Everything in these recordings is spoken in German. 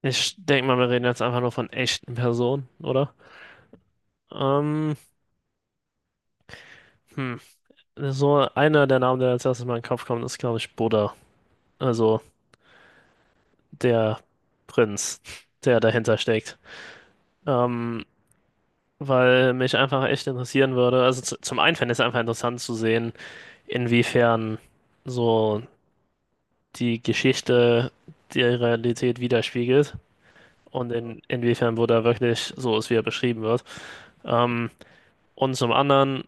Ich denke mal, wir reden jetzt einfach nur von echten Personen, oder? Ähm, hm. So einer der Namen, der als erstes mal in den Kopf kommt, ist, glaube ich, Buddha. Also der Prinz, der dahinter steckt. Ähm, weil mich einfach echt interessieren würde. Also zum einen fände ich es einfach interessant zu sehen, inwiefern so die Geschichte die Realität widerspiegelt. Und inwiefern Buddha wirklich so ist, wie er beschrieben wird. Ähm, und zum anderen,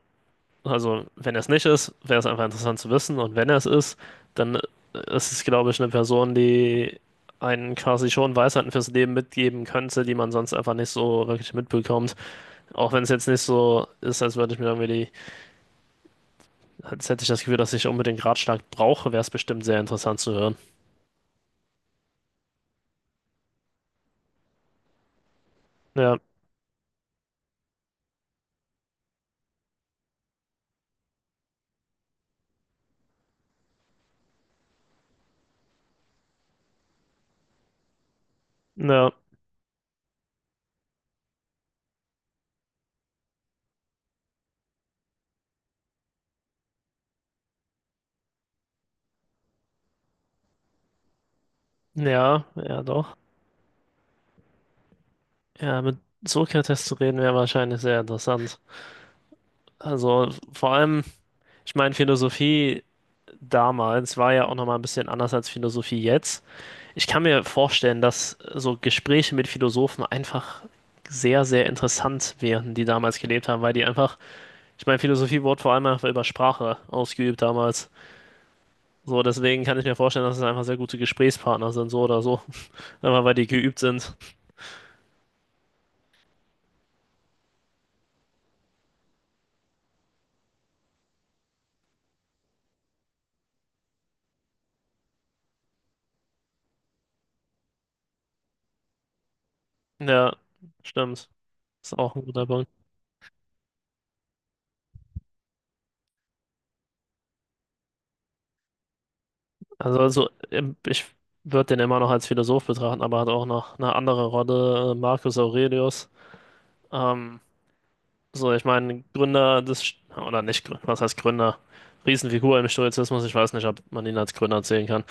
also, wenn er es nicht ist, wäre es einfach interessant zu wissen. Und wenn er es ist, dann ist es, glaube ich, eine Person, die einen quasi schon Weisheiten fürs Leben mitgeben könnte, die man sonst einfach nicht so wirklich mitbekommt. Auch wenn es jetzt nicht so ist, als würde ich mir irgendwie als hätte ich das Gefühl, dass ich unbedingt Ratschlag brauche, wäre es bestimmt sehr interessant zu hören. Ja, ja, ja, ja, doch. Ja, mit Sokrates zu reden wäre wahrscheinlich sehr interessant. Also, vor allem, ich meine, Philosophie damals war ja auch nochmal ein bisschen anders als Philosophie jetzt. Ich kann mir vorstellen, dass so Gespräche mit Philosophen einfach sehr, sehr interessant wären, die damals gelebt haben, weil die einfach, ich meine, Philosophie wurde vor allem einfach über Sprache ausgeübt damals. So, deswegen kann ich mir vorstellen, dass es einfach sehr gute Gesprächspartner sind, so oder so. Einfach weil die geübt sind. Ja, stimmt. Ist auch ein guter Punkt. Also, ich würde den immer noch als Philosoph betrachten, aber hat auch noch eine andere Rolle, Marcus Aurelius. Ähm, So ich meine, Gründer des, oder nicht Gründer, was heißt Gründer? Riesenfigur im Stoizismus, ich weiß nicht, ob man ihn als Gründer zählen kann.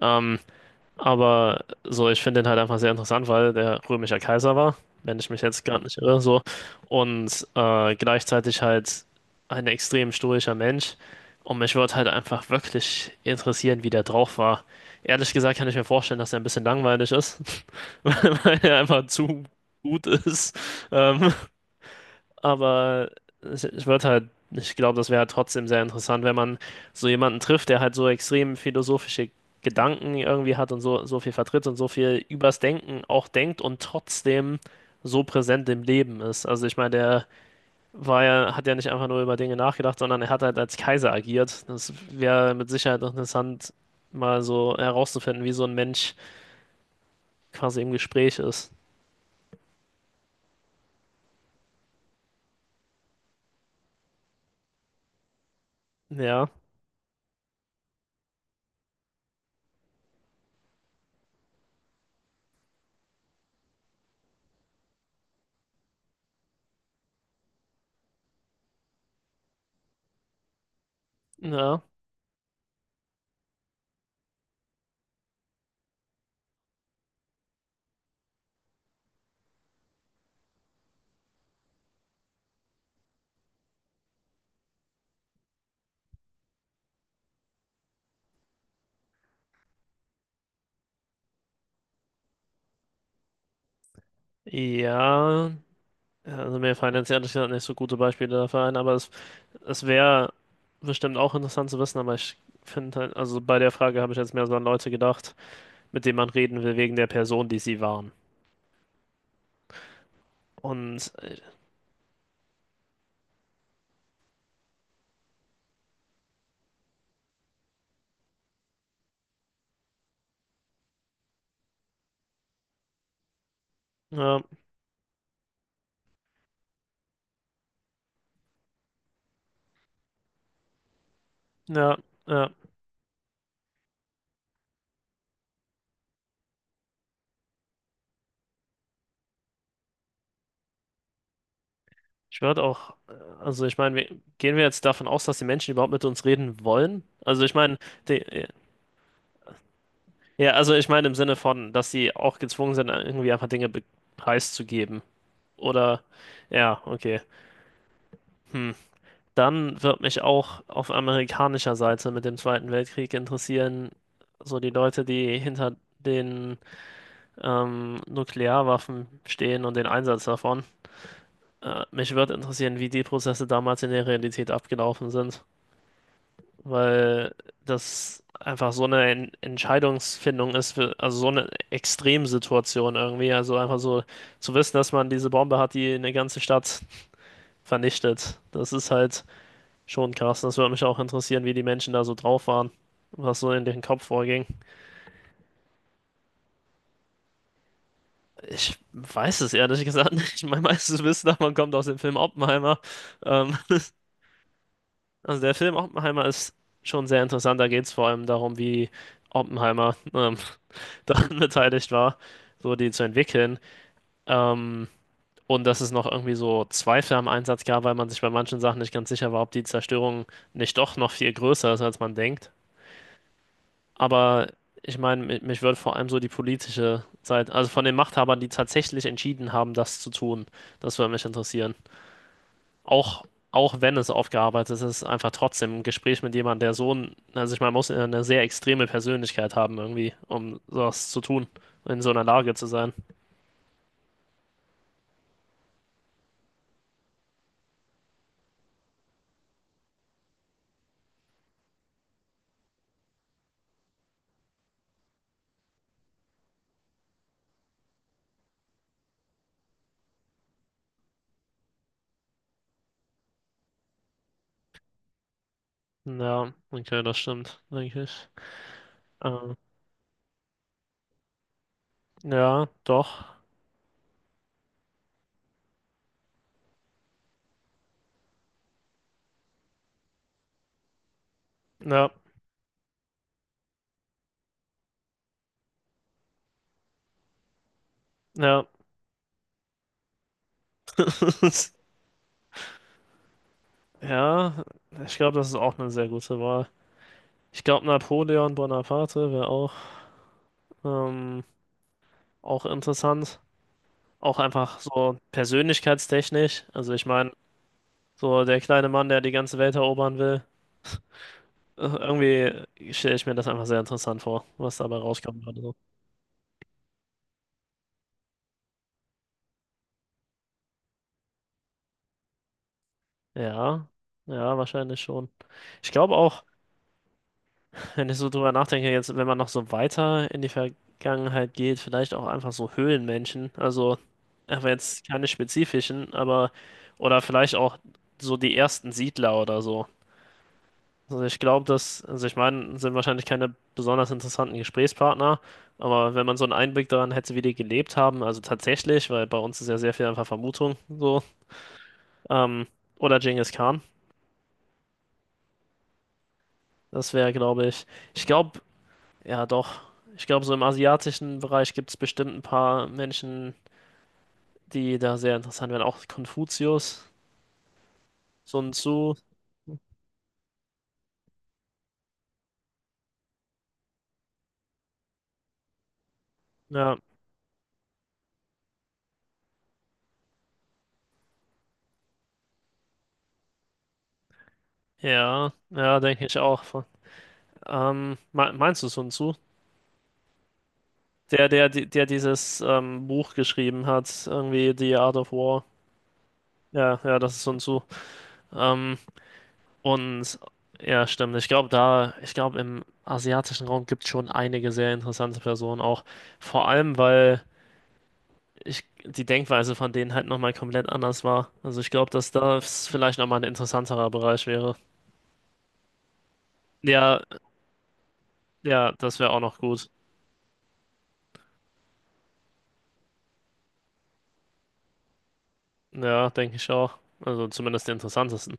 Ähm, aber so, ich finde den halt einfach sehr interessant, weil der römischer Kaiser war, wenn ich mich jetzt gerade nicht irre, so. Und gleichzeitig halt ein extrem stoischer Mensch. Und mich würde halt einfach wirklich interessieren, wie der drauf war. Ehrlich gesagt kann ich mir vorstellen, dass er ein bisschen langweilig ist, weil er einfach zu gut ist. Ähm, aber ich würde halt, ich glaube, das wäre halt trotzdem sehr interessant, wenn man so jemanden trifft, der halt so extrem philosophische Gedanken irgendwie hat und so, so viel vertritt und so viel übers Denken auch denkt und trotzdem so präsent im Leben ist. Also ich meine, hat ja nicht einfach nur über Dinge nachgedacht, sondern er hat halt als Kaiser agiert. Das wäre mit Sicherheit noch interessant, mal so herauszufinden, wie so ein Mensch quasi im Gespräch ist. Ja, ja, ja. Ja, also mir fallen jetzt ehrlich gesagt nicht so gute Beispiele dafür ein, es wäre bestimmt auch interessant zu wissen, aber ich finde halt, also bei der Frage habe ich jetzt mehr so an Leute gedacht, mit denen man reden will, wegen der Person, die sie waren. Und ja, ja, ja. Ich würde auch, also ich meine, gehen wir jetzt davon aus, dass die Menschen überhaupt mit uns reden wollen? Also ich meine, die- ja, also ich meine im Sinne von, dass sie auch gezwungen sind, irgendwie einfach Dinge preiszugeben. Oder, ja, okay. Hm. Dann wird mich auch auf amerikanischer Seite mit dem Zweiten Weltkrieg interessieren, so die Leute, die hinter den Nuklearwaffen stehen und den Einsatz davon. Mich würde interessieren, wie die Prozesse damals in der Realität abgelaufen sind, weil das einfach so eine Entscheidungsfindung ist, für, also so eine Extremsituation irgendwie. Also einfach so zu wissen, dass man diese Bombe hat, die eine ganze Stadt vernichtet. Das ist halt schon krass, das würde mich auch interessieren, wie die Menschen da so drauf waren, was so in deren Kopf vorging. Ich weiß es ehrlich gesagt nicht. Mein meistes Wissen davon kommt aus dem Film Oppenheimer. Ähm, also der Film Oppenheimer ist schon sehr interessant. Da geht es vor allem darum, wie Oppenheimer daran beteiligt war, so die zu entwickeln. Ähm, und dass es noch irgendwie so Zweifel am Einsatz gab, weil man sich bei manchen Sachen nicht ganz sicher war, ob die Zerstörung nicht doch noch viel größer ist, als man denkt. Aber ich meine, mich würde vor allem so die politische Seite, also von den Machthabern, die tatsächlich entschieden haben, das zu tun, das würde mich interessieren. Auch, auch wenn es aufgearbeitet ist, einfach trotzdem ein Gespräch mit jemandem, der so ein, also ich meine, muss ja eine sehr extreme Persönlichkeit haben irgendwie, um sowas zu tun, in so einer Lage zu sein. Ja, okay, das stimmt, denke ich. Ähm, ja, doch. Ja, ja. Ja, ich glaube, das ist auch eine sehr gute Wahl. Ich glaube, Napoleon Bonaparte wäre auch, ähm, auch interessant. Auch einfach so persönlichkeitstechnisch. Also ich meine, so der kleine Mann, der die ganze Welt erobern will. Irgendwie stelle ich mir das einfach sehr interessant vor, was dabei rauskommen würde, so. Ja, ja, wahrscheinlich schon. Ich glaube auch, wenn ich so drüber nachdenke, jetzt, wenn man noch so weiter in die Vergangenheit geht, vielleicht auch einfach so Höhlenmenschen. Also, aber jetzt keine spezifischen, aber, oder vielleicht auch so die ersten Siedler oder so. Also ich glaube, dass, also ich meine, sind wahrscheinlich keine besonders interessanten Gesprächspartner, aber wenn man so einen Einblick daran hätte, wie die gelebt haben, also tatsächlich, weil bei uns ist ja sehr viel einfach Vermutung so, ähm, oder Genghis Khan, das wäre, glaube ich, ich glaube, ja, doch. Ich glaube, so im asiatischen Bereich gibt es bestimmt ein paar Menschen, die da sehr interessant werden. Auch Konfuzius, Sun Tzu. Ja, ja, ja, denke ich auch. Meinst du Sun Tzu? Der dieses Buch geschrieben hat, irgendwie The Art of War. Ja, ja, das ist Sun Tzu. Ähm, und ja, stimmt. Ich glaube, im asiatischen Raum gibt es schon einige sehr interessante Personen auch. Vor allem, weil ich, die Denkweise von denen halt nochmal komplett anders war. Also ich glaube, dass das vielleicht nochmal ein interessanterer Bereich wäre. Ja, ja, das wäre auch noch gut. Ja, denke ich auch. Also zumindest die interessantesten.